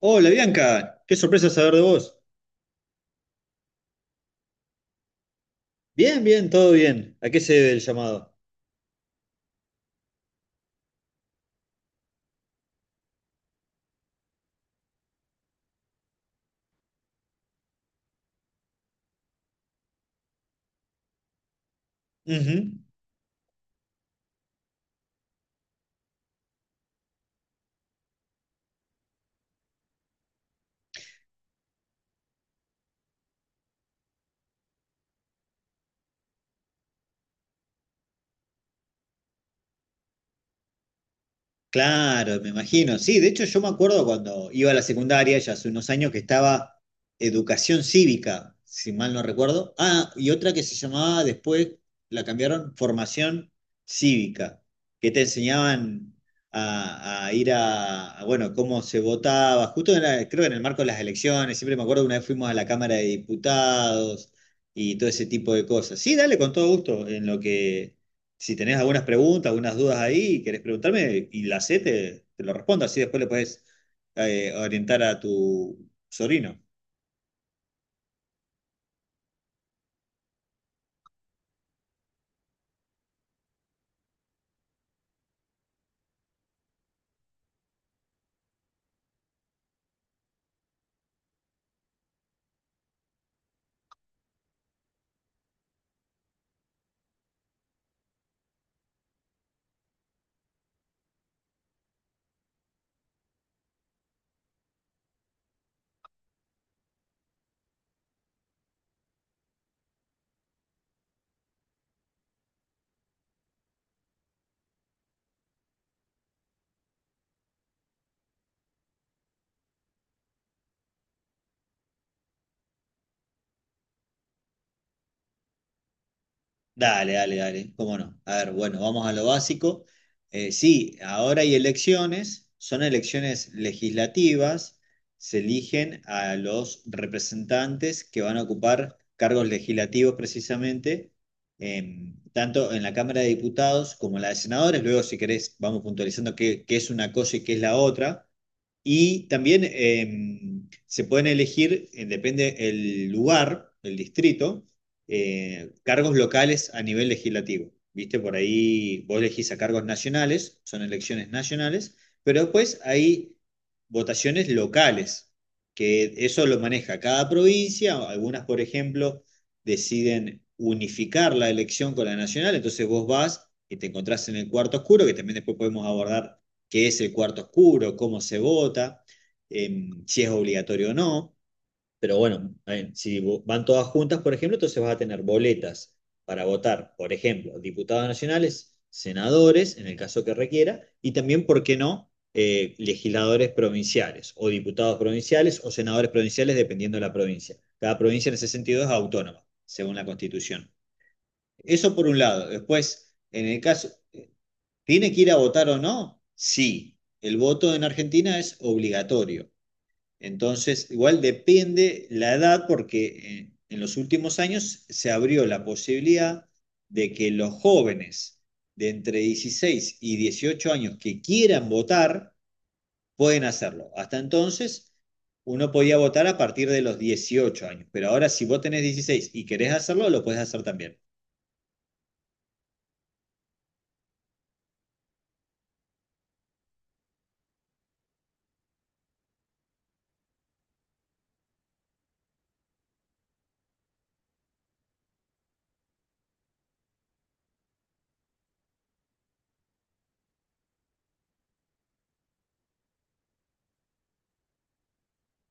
Hola Bianca, qué sorpresa saber de vos. Bien, bien, todo bien. ¿A qué se debe el llamado? Ujú. Claro, me imagino. Sí, de hecho yo me acuerdo cuando iba a la secundaria, ya hace unos años, que estaba educación cívica, si mal no recuerdo. Ah, y otra que se llamaba después, la cambiaron, formación cívica, que te enseñaban a ir a, bueno, cómo se votaba, justo creo que en el marco de las elecciones, siempre me acuerdo una vez fuimos a la Cámara de Diputados y todo ese tipo de cosas. Sí, dale, con todo gusto, en lo que si tenés algunas preguntas, algunas dudas ahí, querés preguntarme y la sé, te lo respondo. Así después le puedes orientar a tu sobrino. Dale, dale, dale, cómo no. A ver, bueno, vamos a lo básico. Sí, ahora hay elecciones, son elecciones legislativas, se eligen a los representantes que van a ocupar cargos legislativos precisamente, tanto en la Cámara de Diputados como en la de Senadores. Luego, si querés, vamos puntualizando qué es una cosa y qué es la otra. Y también se pueden elegir, depende el lugar, el distrito cargos locales a nivel legislativo. ¿Viste? Por ahí vos elegís a cargos nacionales, son elecciones nacionales, pero después hay votaciones locales, que eso lo maneja cada provincia. Algunas, por ejemplo, deciden unificar la elección con la nacional, entonces vos vas y te encontrás en el cuarto oscuro, que también después podemos abordar qué es el cuarto oscuro, cómo se vota, si es obligatorio o no. Pero bueno, a ver, si van todas juntas, por ejemplo, entonces vas a tener boletas para votar, por ejemplo, diputados nacionales, senadores, en el caso que requiera, y también, ¿por qué no?, legisladores provinciales o diputados provinciales o senadores provinciales, dependiendo de la provincia. Cada provincia en ese sentido es autónoma, según la Constitución. Eso por un lado. Después, en el caso, ¿tiene que ir a votar o no? Sí. El voto en Argentina es obligatorio. Entonces, igual depende la edad porque en los últimos años se abrió la posibilidad de que los jóvenes de entre 16 y 18 años que quieran votar pueden hacerlo. Hasta entonces, uno podía votar a partir de los 18 años, pero ahora si vos tenés 16 y querés hacerlo, lo puedes hacer también.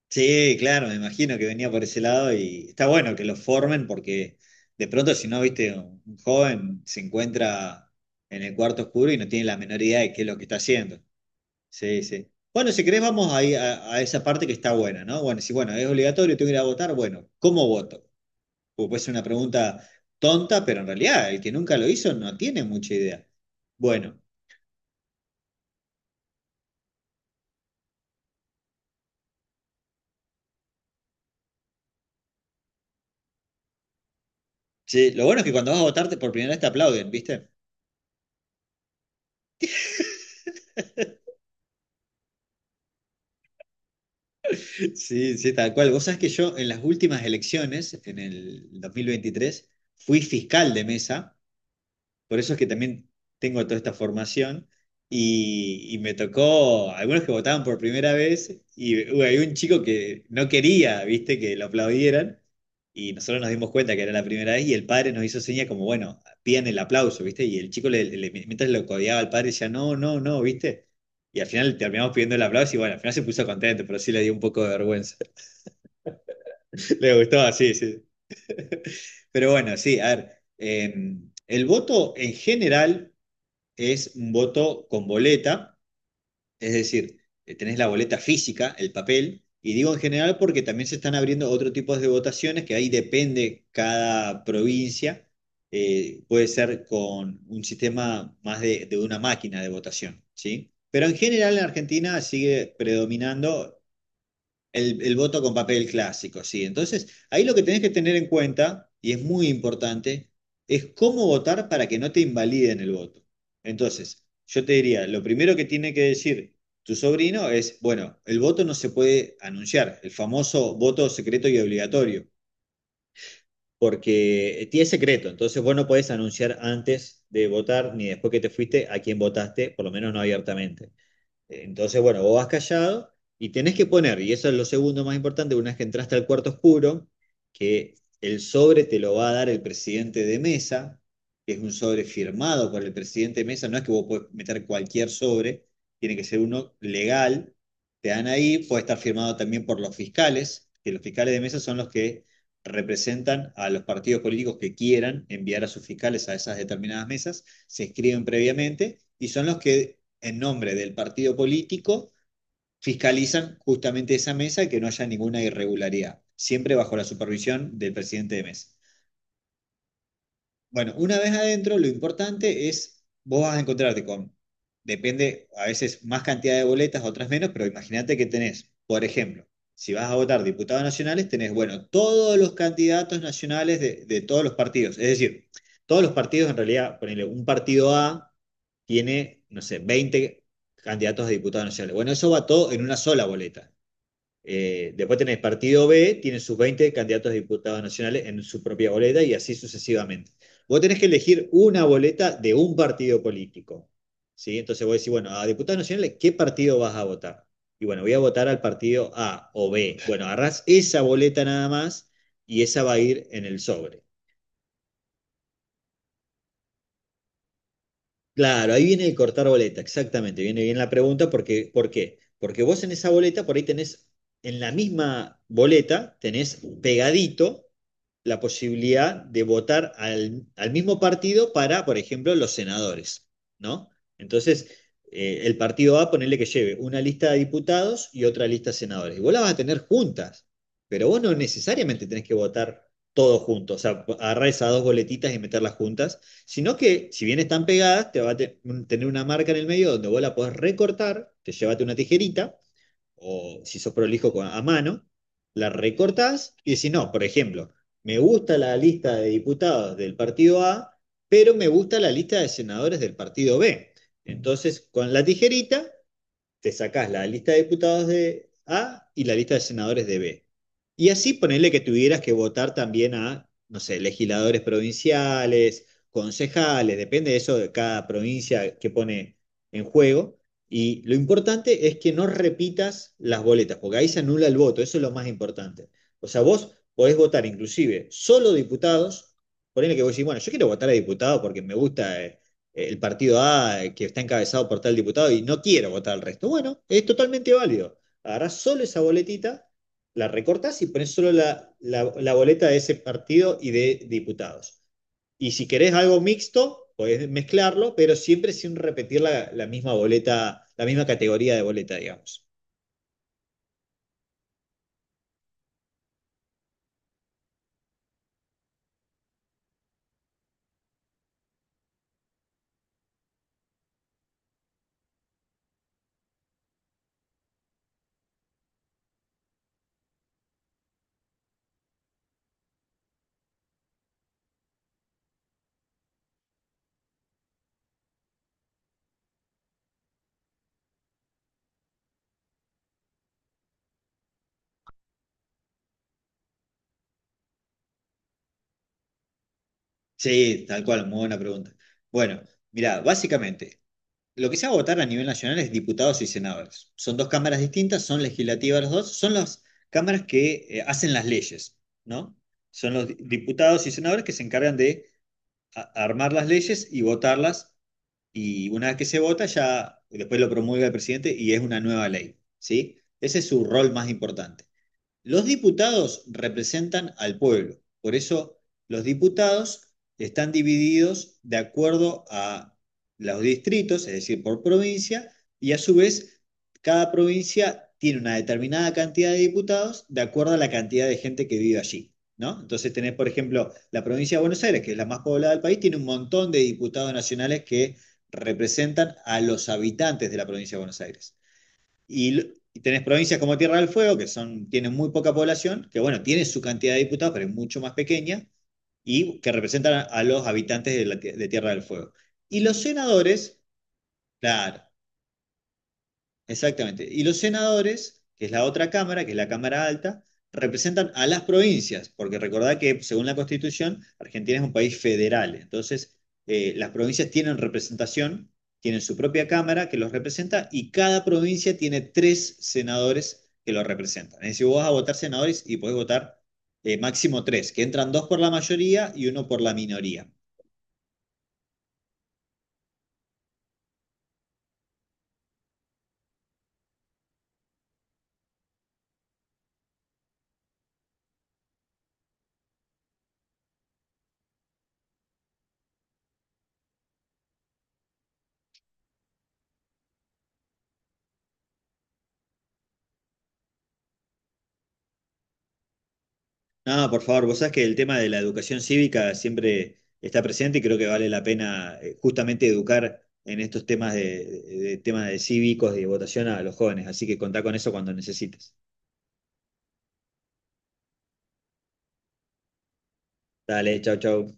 Sí, claro, me imagino que venía por ese lado y está bueno que lo formen porque de pronto si no, viste, un joven se encuentra en el cuarto oscuro y no tiene la menor idea de qué es lo que está haciendo. Sí, sí. Bueno, si querés vamos ahí a esa parte que está buena, ¿no? Bueno, si bueno, es obligatorio, tengo que ir a votar, bueno, ¿cómo voto? Porque puede ser una pregunta tonta, pero en realidad el que nunca lo hizo no tiene mucha idea. Bueno, sí, lo bueno es que cuando vas a votarte por primera vez te aplauden, ¿viste? Sí, sí, tal cual. Vos sabés que yo en las últimas elecciones, en el 2023 fui fiscal de mesa, por eso es que también tengo toda esta formación, y me tocó algunos que votaban por primera vez, y hubo había un chico que no quería, viste, que lo aplaudieran, y nosotros nos dimos cuenta que era la primera vez, y el padre nos hizo señas como, bueno, pidan el aplauso, viste, y el chico, mientras lo codeaba al padre, decía, no, no, no, viste, y al final terminamos pidiendo el aplauso, y bueno, al final se puso contento, pero sí le dio un poco de vergüenza. Le gustó, sí, sí. Pero bueno, sí, a ver, eh, el voto en general es un voto con boleta, es decir, tenés la boleta física, el papel, y digo en general porque también se están abriendo otro tipo de votaciones que ahí depende cada provincia, puede ser con un sistema más de una máquina de votación, ¿sí? Pero en general en Argentina sigue predominando el voto con papel clásico, sí. Entonces, ahí lo que tenés que tener en cuenta, y es muy importante, es cómo votar para que no te invaliden el voto. Entonces, yo te diría, lo primero que tiene que decir tu sobrino es, bueno, el voto no se puede anunciar, el famoso voto secreto y obligatorio, porque es secreto, entonces vos no podés anunciar antes de votar ni después que te fuiste a quién votaste, por lo menos no abiertamente. Entonces, bueno, vos vas callado y tenés que poner, y eso es lo segundo más importante, una vez que entraste al cuarto oscuro, que el sobre te lo va a dar el presidente de mesa, que es un sobre firmado por el presidente de mesa, no es que vos podés meter cualquier sobre, tiene que ser uno legal, te dan ahí, puede estar firmado también por los fiscales, que los fiscales de mesa son los que representan a los partidos políticos que quieran enviar a sus fiscales a esas determinadas mesas, se escriben previamente y son los que en nombre del partido político, fiscalizan justamente esa mesa y que no haya ninguna irregularidad, siempre bajo la supervisión del presidente de mesa. Bueno, una vez adentro, lo importante es, vos vas a encontrarte con, depende, a veces más cantidad de boletas, otras menos, pero imagínate que tenés, por ejemplo, si vas a votar diputados nacionales, tenés, bueno, todos los candidatos nacionales de todos los partidos. Es decir, todos los partidos, en realidad, ponele, un partido A tiene, no sé, 20 candidatos a diputados nacionales. Bueno, eso va todo en una sola boleta. Después tenés partido B, tiene sus 20 candidatos a diputados nacionales en su propia boleta y así sucesivamente. Vos tenés que elegir una boleta de un partido político. ¿Sí? Entonces vos decís, bueno, a diputados nacionales, ¿qué partido vas a votar? Y bueno, voy a votar al partido A o B. Bueno, agarrás esa boleta nada más y esa va a ir en el sobre. Claro, ahí viene el cortar boleta, exactamente, viene bien la pregunta, porque, ¿por qué? Porque vos en esa boleta, por ahí tenés, en la misma boleta, tenés pegadito la posibilidad de votar al mismo partido para, por ejemplo, los senadores, ¿no? Entonces, el partido A, ponerle que lleve una lista de diputados y otra lista de senadores. Y vos las vas a tener juntas, pero vos no necesariamente tenés que votar todos juntos, o sea, agarrar esas dos boletitas y meterlas juntas, sino que si bien están pegadas, te va a tener una marca en el medio donde vos la podés recortar, te llévate una tijerita o si sos prolijo a mano, la recortás y decís, no, por ejemplo, me gusta la lista de diputados del partido A, pero me gusta la lista de senadores del partido B. Entonces, con la tijerita te sacás la lista de diputados de A y la lista de senadores de B. Y así ponerle que tuvieras que votar también a, no sé, legisladores provinciales, concejales, depende de eso de cada provincia que pone en juego. Y lo importante es que no repitas las boletas, porque ahí se anula el voto, eso es lo más importante. O sea, vos podés votar inclusive solo diputados, ponele que vos decís, bueno, yo quiero votar a diputado porque me gusta el partido A que está encabezado por tal diputado y no quiero votar al resto. Bueno, es totalmente válido. Agarrás solo esa boletita, la recortás y pones solo la boleta de ese partido y de diputados. Y si querés algo mixto, podés mezclarlo, pero siempre sin repetir la misma boleta, la misma categoría de boleta, digamos. Sí, tal cual, muy buena pregunta. Bueno, mira, básicamente, lo que se va a votar a nivel nacional es diputados y senadores. Son dos cámaras distintas, son legislativas las dos, son las cámaras que hacen las leyes, ¿no? Son los diputados y senadores que se encargan de armar las leyes y votarlas, y una vez que se vota, ya después lo promulga el presidente y es una nueva ley, ¿sí? Ese es su rol más importante. Los diputados representan al pueblo, por eso los diputados están divididos de acuerdo a los distritos, es decir, por provincia, y a su vez cada provincia tiene una determinada cantidad de diputados de acuerdo a la cantidad de gente que vive allí. ¿No? Entonces tenés, por ejemplo, la provincia de Buenos Aires, que es la más poblada del país, tiene un montón de diputados nacionales que representan a los habitantes de la provincia de Buenos Aires. Y, y tenés provincias como Tierra del Fuego, que son, tienen muy poca población, que bueno, tienen su cantidad de diputados, pero es mucho más pequeña, y que representan a los habitantes de Tierra del Fuego. Y los senadores, claro. Exactamente. Y los senadores, que es la otra cámara, que es la Cámara Alta, representan a las provincias, porque recordad que según la Constitución, Argentina es un país federal. Entonces, las provincias tienen representación, tienen su propia cámara que los representa y cada provincia tiene tres senadores que los representan. Es decir, vos vas a votar senadores y podés votar máximo tres, que entran dos por la mayoría y uno por la minoría. No, por favor, vos sabés que el tema de la educación cívica siempre está presente y creo que vale la pena justamente educar en estos temas de cívicos y de votación a los jóvenes. Así que contá con eso cuando necesites. Dale, chau, chau.